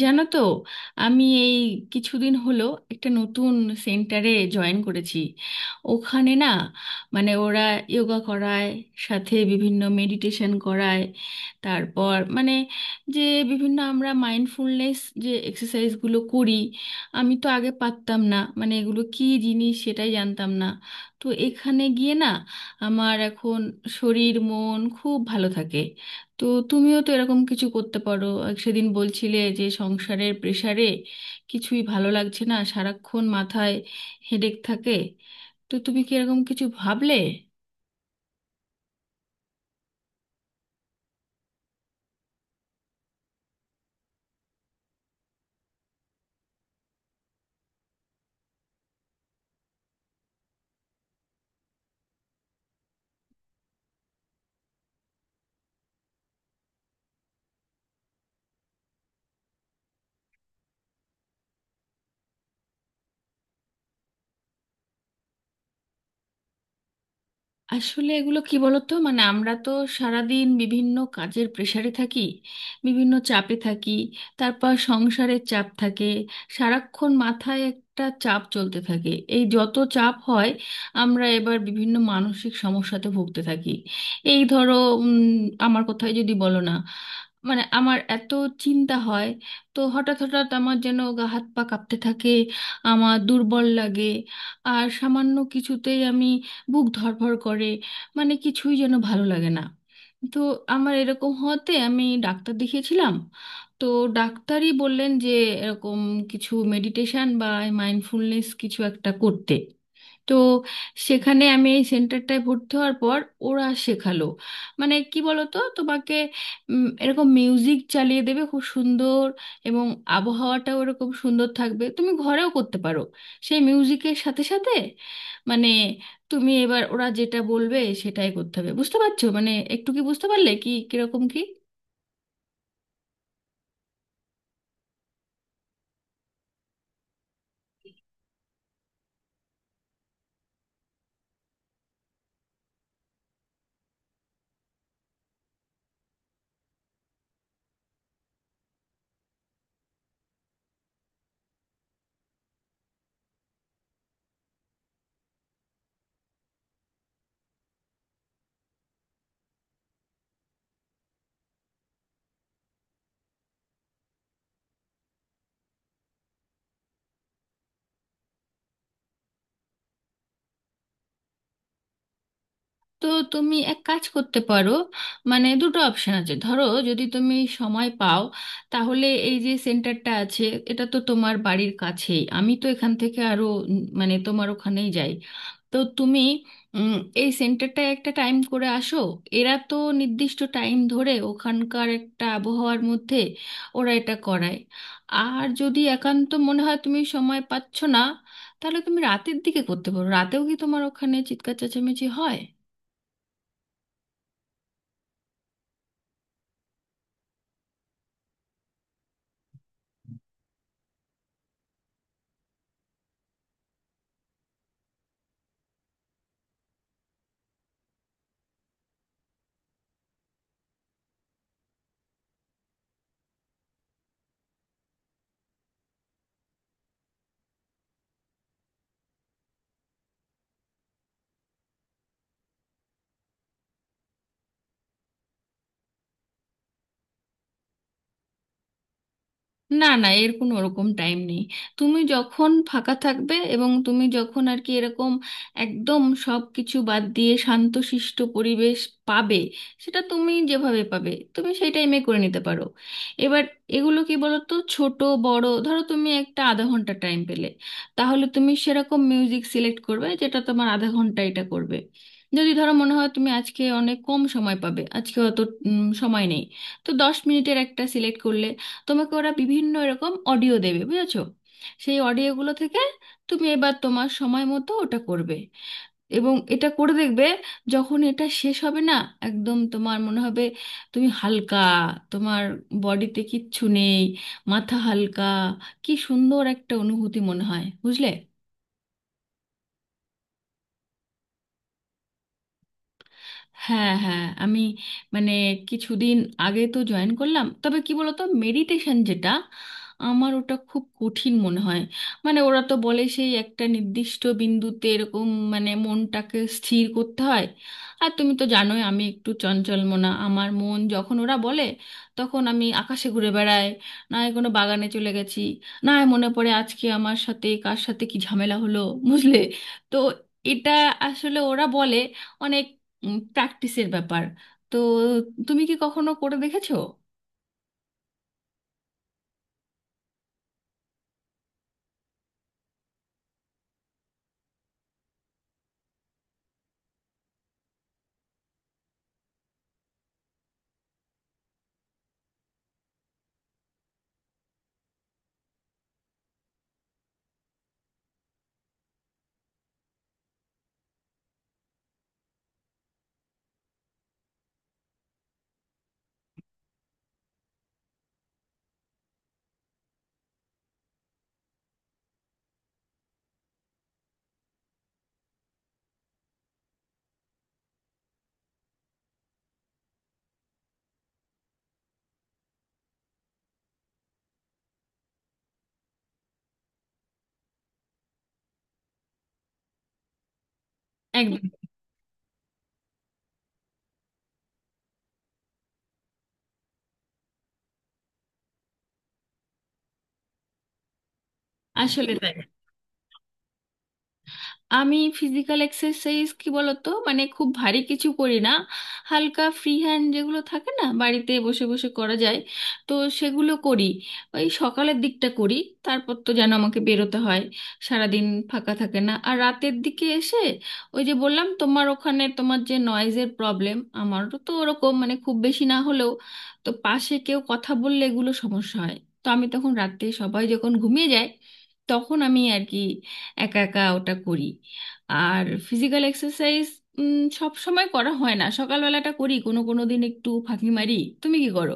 জানো তো? আমি এই কিছুদিন হলো একটা নতুন সেন্টারে জয়েন করেছি। ওখানে না, মানে ওরা যোগা করায়, সাথে বিভিন্ন মেডিটেশন করায়। তারপর মানে যে বিভিন্ন আমরা মাইন্ডফুলনেস যে এক্সারসাইজগুলো করি, আমি তো আগে পারতাম না, মানে এগুলো কী জিনিস সেটাই জানতাম না। তো এখানে গিয়ে না, আমার এখন শরীর মন খুব ভালো থাকে। তো তুমিও তো এরকম কিছু করতে পারো, এক সেদিন বলছিলে যে সংসারের প্রেসারে কিছুই ভালো লাগছে না, সারাক্ষণ মাথায় হেডেক থাকে। তো তুমি কি এরকম কিছু ভাবলে? আসলে এগুলো কি বলতো, মানে আমরা তো সারাদিন বিভিন্ন কাজের প্রেশারে থাকি, বিভিন্ন চাপে থাকি, তারপর সংসারের চাপ থাকে, সারাক্ষণ মাথায় একটা চাপ চলতে থাকে। এই যত চাপ হয়, আমরা এবার বিভিন্ন মানসিক সমস্যাতে ভুগতে থাকি। এই ধরো, উম, আমার কথাই যদি বলো না, মানে আমার এত চিন্তা হয়, তো হঠাৎ হঠাৎ আমার যেন গা হাত পা কাঁপতে থাকে, আমার দুর্বল লাগে, আর সামান্য কিছুতেই আমি বুক ধড়ফড় করে, মানে কিছুই যেন ভালো লাগে না। তো আমার এরকম হতে আমি ডাক্তার দেখিয়েছিলাম। তো ডাক্তারই বললেন যে এরকম কিছু মেডিটেশন বা মাইন্ডফুলনেস কিছু একটা করতে। তো সেখানে আমি এই সেন্টারটায় ভর্তি হওয়ার পর ওরা শেখালো। মানে কি বলতো তোমাকে, এরকম মিউজিক চালিয়ে দেবে খুব সুন্দর, এবং আবহাওয়াটাও এরকম সুন্দর থাকবে, তুমি ঘরেও করতে পারো। সেই মিউজিকের সাথে সাথে মানে তুমি এবার ওরা যেটা বলবে সেটাই করতে হবে, বুঝতে পারছো? মানে একটু কি বুঝতে পারলে কি কিরকম কি? তো তুমি এক কাজ করতে পারো, মানে দুটো অপশন আছে। ধরো যদি তুমি সময় পাও, তাহলে এই যে সেন্টারটা আছে, এটা তো তোমার বাড়ির কাছেই, আমি তো এখান থেকে আরো মানে তোমার ওখানেই যাই। তো তুমি উম, এই সেন্টারটায় একটা টাইম করে আসো। এরা তো নির্দিষ্ট টাইম ধরে ওখানকার একটা আবহাওয়ার মধ্যে ওরা এটা করায়। আর যদি একান্ত মনে হয় তুমি সময় পাচ্ছ না, তাহলে তুমি রাতের দিকে করতে পারো। রাতেও কি তোমার ওখানে চিৎকার চেঁচামেচি হয়? না না, এর কোনো ওরকম টাইম নেই। তুমি যখন ফাঁকা থাকবে এবং তুমি যখন আর কি এরকম একদম সব কিছু বাদ দিয়ে শান্তশিষ্ট পরিবেশ পাবে, সেটা তুমি যেভাবে পাবে তুমি সেই টাইমে করে নিতে পারো। এবার এগুলো কি বলো তো, ছোট বড়, ধরো তুমি একটা আধা ঘন্টা টাইম পেলে, তাহলে তুমি সেরকম মিউজিক সিলেক্ট করবে যেটা তোমার আধা ঘন্টা, এটা করবে। যদি ধরো মনে হয় তুমি আজকে অনেক কম সময় পাবে, আজকে অত সময় নেই, তো 10 মিনিটের একটা সিলেক্ট করলে, তোমাকে ওরা বিভিন্ন এরকম অডিও দেবে, বুঝেছো? সেই অডিওগুলো থেকে তুমি এবার তোমার সময় মতো ওটা করবে এবং এটা করে দেখবে, যখন এটা শেষ হবে না, একদম তোমার মনে হবে তুমি হালকা, তোমার বডিতে কিচ্ছু নেই, মাথা হালকা, কি সুন্দর একটা অনুভূতি মনে হয়, বুঝলে? হ্যাঁ হ্যাঁ, আমি মানে কিছুদিন আগে তো জয়েন করলাম। তবে কি বলতো, মেডিটেশন যেটা, আমার ওটা খুব কঠিন মনে হয়। মানে ওরা তো বলে সেই একটা নির্দিষ্ট বিন্দুতে এরকম, মানে মনটাকে স্থির করতে হয়। আর তুমি তো জানোই আমি একটু চঞ্চল মনা, আমার মন যখন ওরা বলে, তখন আমি আকাশে ঘুরে বেড়াই, না হয় কোনো বাগানে চলে গেছি, না হয় মনে পড়ে আজকে আমার সাথে কার সাথে কি ঝামেলা হলো, বুঝলে? তো এটা আসলে ওরা বলে অনেক প্র্যাকটিসের ব্যাপার। তো তুমি কি কখনো করে দেখেছো? একদম। আসলে তাই, আমি ফিজিক্যাল এক্সারসাইজ কি বলতো, মানে খুব ভারী কিছু করি না, হালকা ফ্রি হ্যান্ড যেগুলো থাকে না বাড়িতে বসে বসে করা যায়, তো সেগুলো করি। ওই সকালের দিকটা করি। তারপর তো যেন আমাকে বেরোতে হয়, সারাদিন ফাঁকা থাকে না, আর রাতের দিকে এসে ওই যে বললাম তোমার ওখানে তোমার যে নয়েজের প্রবলেম, আমারও তো ওরকম, মানে খুব বেশি না হলেও, তো পাশে কেউ কথা বললে এগুলো সমস্যা হয়। তো আমি তখন রাতে সবাই যখন ঘুমিয়ে যায়, তখন আমি আর কি একা একা ওটা করি। আর ফিজিক্যাল এক্সারসাইজ সব সময় করা হয় না, সকালবেলাটা করি, কোনো কোনো দিন একটু ফাঁকি মারি। তুমি কি করো?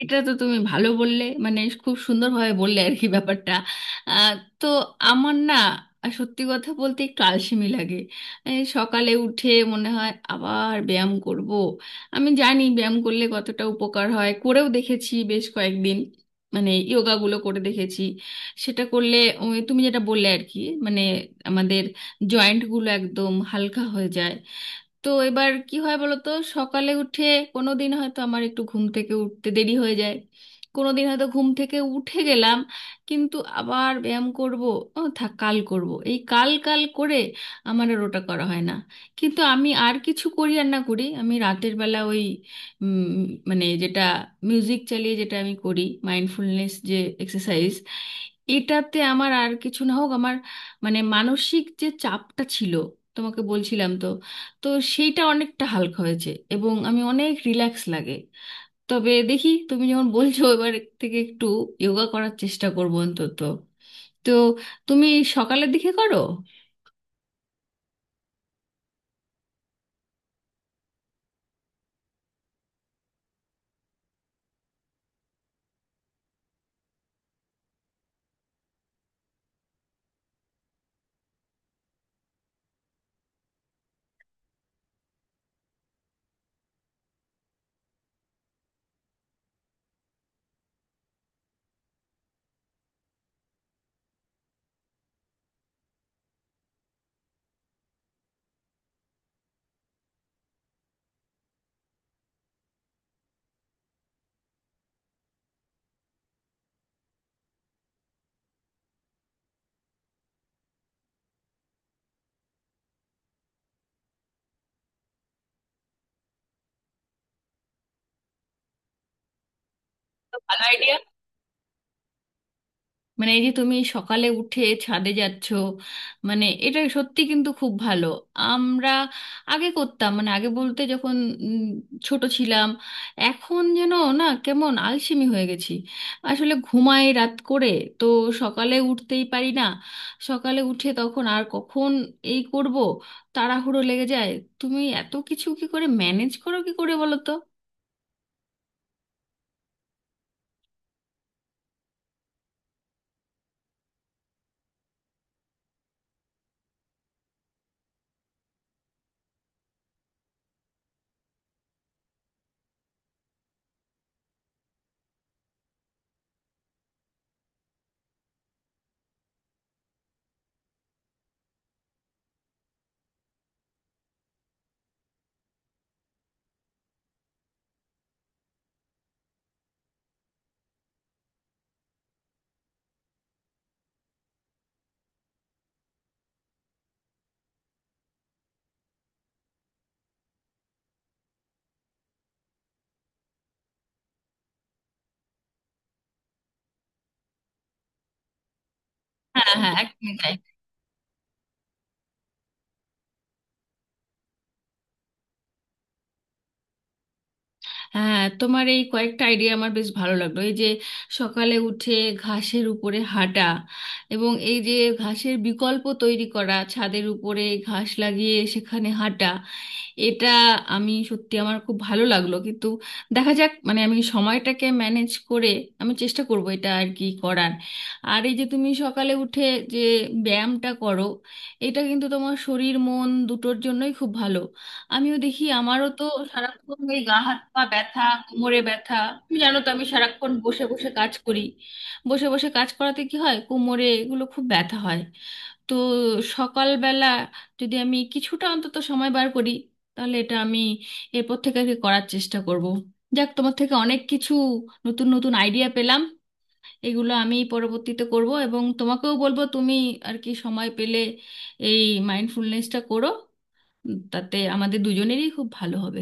এটা তো তুমি ভালো বললে, মানে খুব সুন্দরভাবে বললে আর কি ব্যাপারটা। আহ, তো আমার না, সত্যি কথা বলতে একটু আলসেমি লাগে এই সকালে উঠে। মনে হয় আবার ব্যায়াম করব? আমি জানি ব্যায়াম করলে কতটা উপকার হয়, করেও দেখেছি বেশ কয়েকদিন, মানে যোগাগুলো করে দেখেছি, সেটা করলে ওই তুমি যেটা বললে আর কি, মানে আমাদের জয়েন্টগুলো একদম হালকা হয়ে যায়। তো এবার কি হয় বলতো, সকালে উঠে কোনো দিন হয়তো আমার একটু ঘুম থেকে উঠতে দেরি হয়ে যায়, কোনো দিন হয়তো ঘুম থেকে উঠে গেলাম, কিন্তু আবার ব্যায়াম করব? ও থাক, কাল করব, এই কাল কাল করে আমার আর ওটা করা হয় না। কিন্তু আমি আর কিছু করি আর না করি, আমি রাতের বেলা ওই মানে যেটা মিউজিক চালিয়ে যেটা আমি করি, মাইন্ডফুলনেস যে এক্সারসাইজ, এটাতে আমার আর কিছু না হোক, আমার মানে মানসিক যে চাপটা ছিল, তোমাকে বলছিলাম তো, তো সেইটা অনেকটা হালকা হয়েছে এবং আমি অনেক রিল্যাক্স লাগে। তবে দেখি, তুমি যখন বলছো, এবার থেকে একটু যোগা করার চেষ্টা করবো অন্তত। তো তুমি সকালের দিকে করো? ভালো আইডিয়া। মানে এই যে তুমি সকালে উঠে ছাদে যাচ্ছ, মানে এটা সত্যি কিন্তু খুব ভালো। আমরা আগে করতাম, মানে আগে বলতে যখন উম, ছোট ছিলাম। এখন যেন না কেমন আলসেমি হয়ে গেছি, আসলে ঘুমাই রাত করে, তো সকালে উঠতেই পারি না, সকালে উঠে তখন আর কখন এই করব, তাড়াহুড়ো লেগে যায়। তুমি এত কিছু কি করে ম্যানেজ করো, কি করে বলো তো? হ্যাঁ হ্যাঁ, একদমই তাই। হ্যাঁ, তোমার এই কয়েকটা আইডিয়া আমার বেশ ভালো লাগলো, এই যে সকালে উঠে ঘাসের উপরে হাঁটা, এবং এই যে ঘাসের বিকল্প তৈরি করা ছাদের উপরে ঘাস লাগিয়ে সেখানে হাঁটা, এটা আমি সত্যি আমার খুব ভালো লাগলো। কিন্তু দেখা যাক, মানে আমি সময়টাকে ম্যানেজ করে আমি চেষ্টা করব এটা আর কি করার। আর এই যে তুমি সকালে উঠে যে ব্যায়ামটা করো, এটা কিন্তু তোমার শরীর মন দুটোর জন্যই খুব ভালো। আমিও দেখি, আমারও তো সারাক্ষণ এই গা হাত পা ব্যথা, কোমরে ব্যথা। তুমি জানো তো, আমি সারাক্ষণ বসে বসে কাজ করি, বসে বসে কাজ করাতে কি হয়, কোমরে এগুলো খুব ব্যথা হয়। তো সকালবেলা যদি আমি কিছুটা অন্তত সময় বার করি, তাহলে এটা আমি এরপর থেকে আর কি করার চেষ্টা করব। যাক, তোমার থেকে অনেক কিছু নতুন নতুন আইডিয়া পেলাম, এগুলো আমি পরবর্তীতে করব, এবং তোমাকেও বলবো তুমি আর কি সময় পেলে এই মাইন্ডফুলনেসটা করো, তাতে আমাদের দুজনেরই খুব ভালো হবে।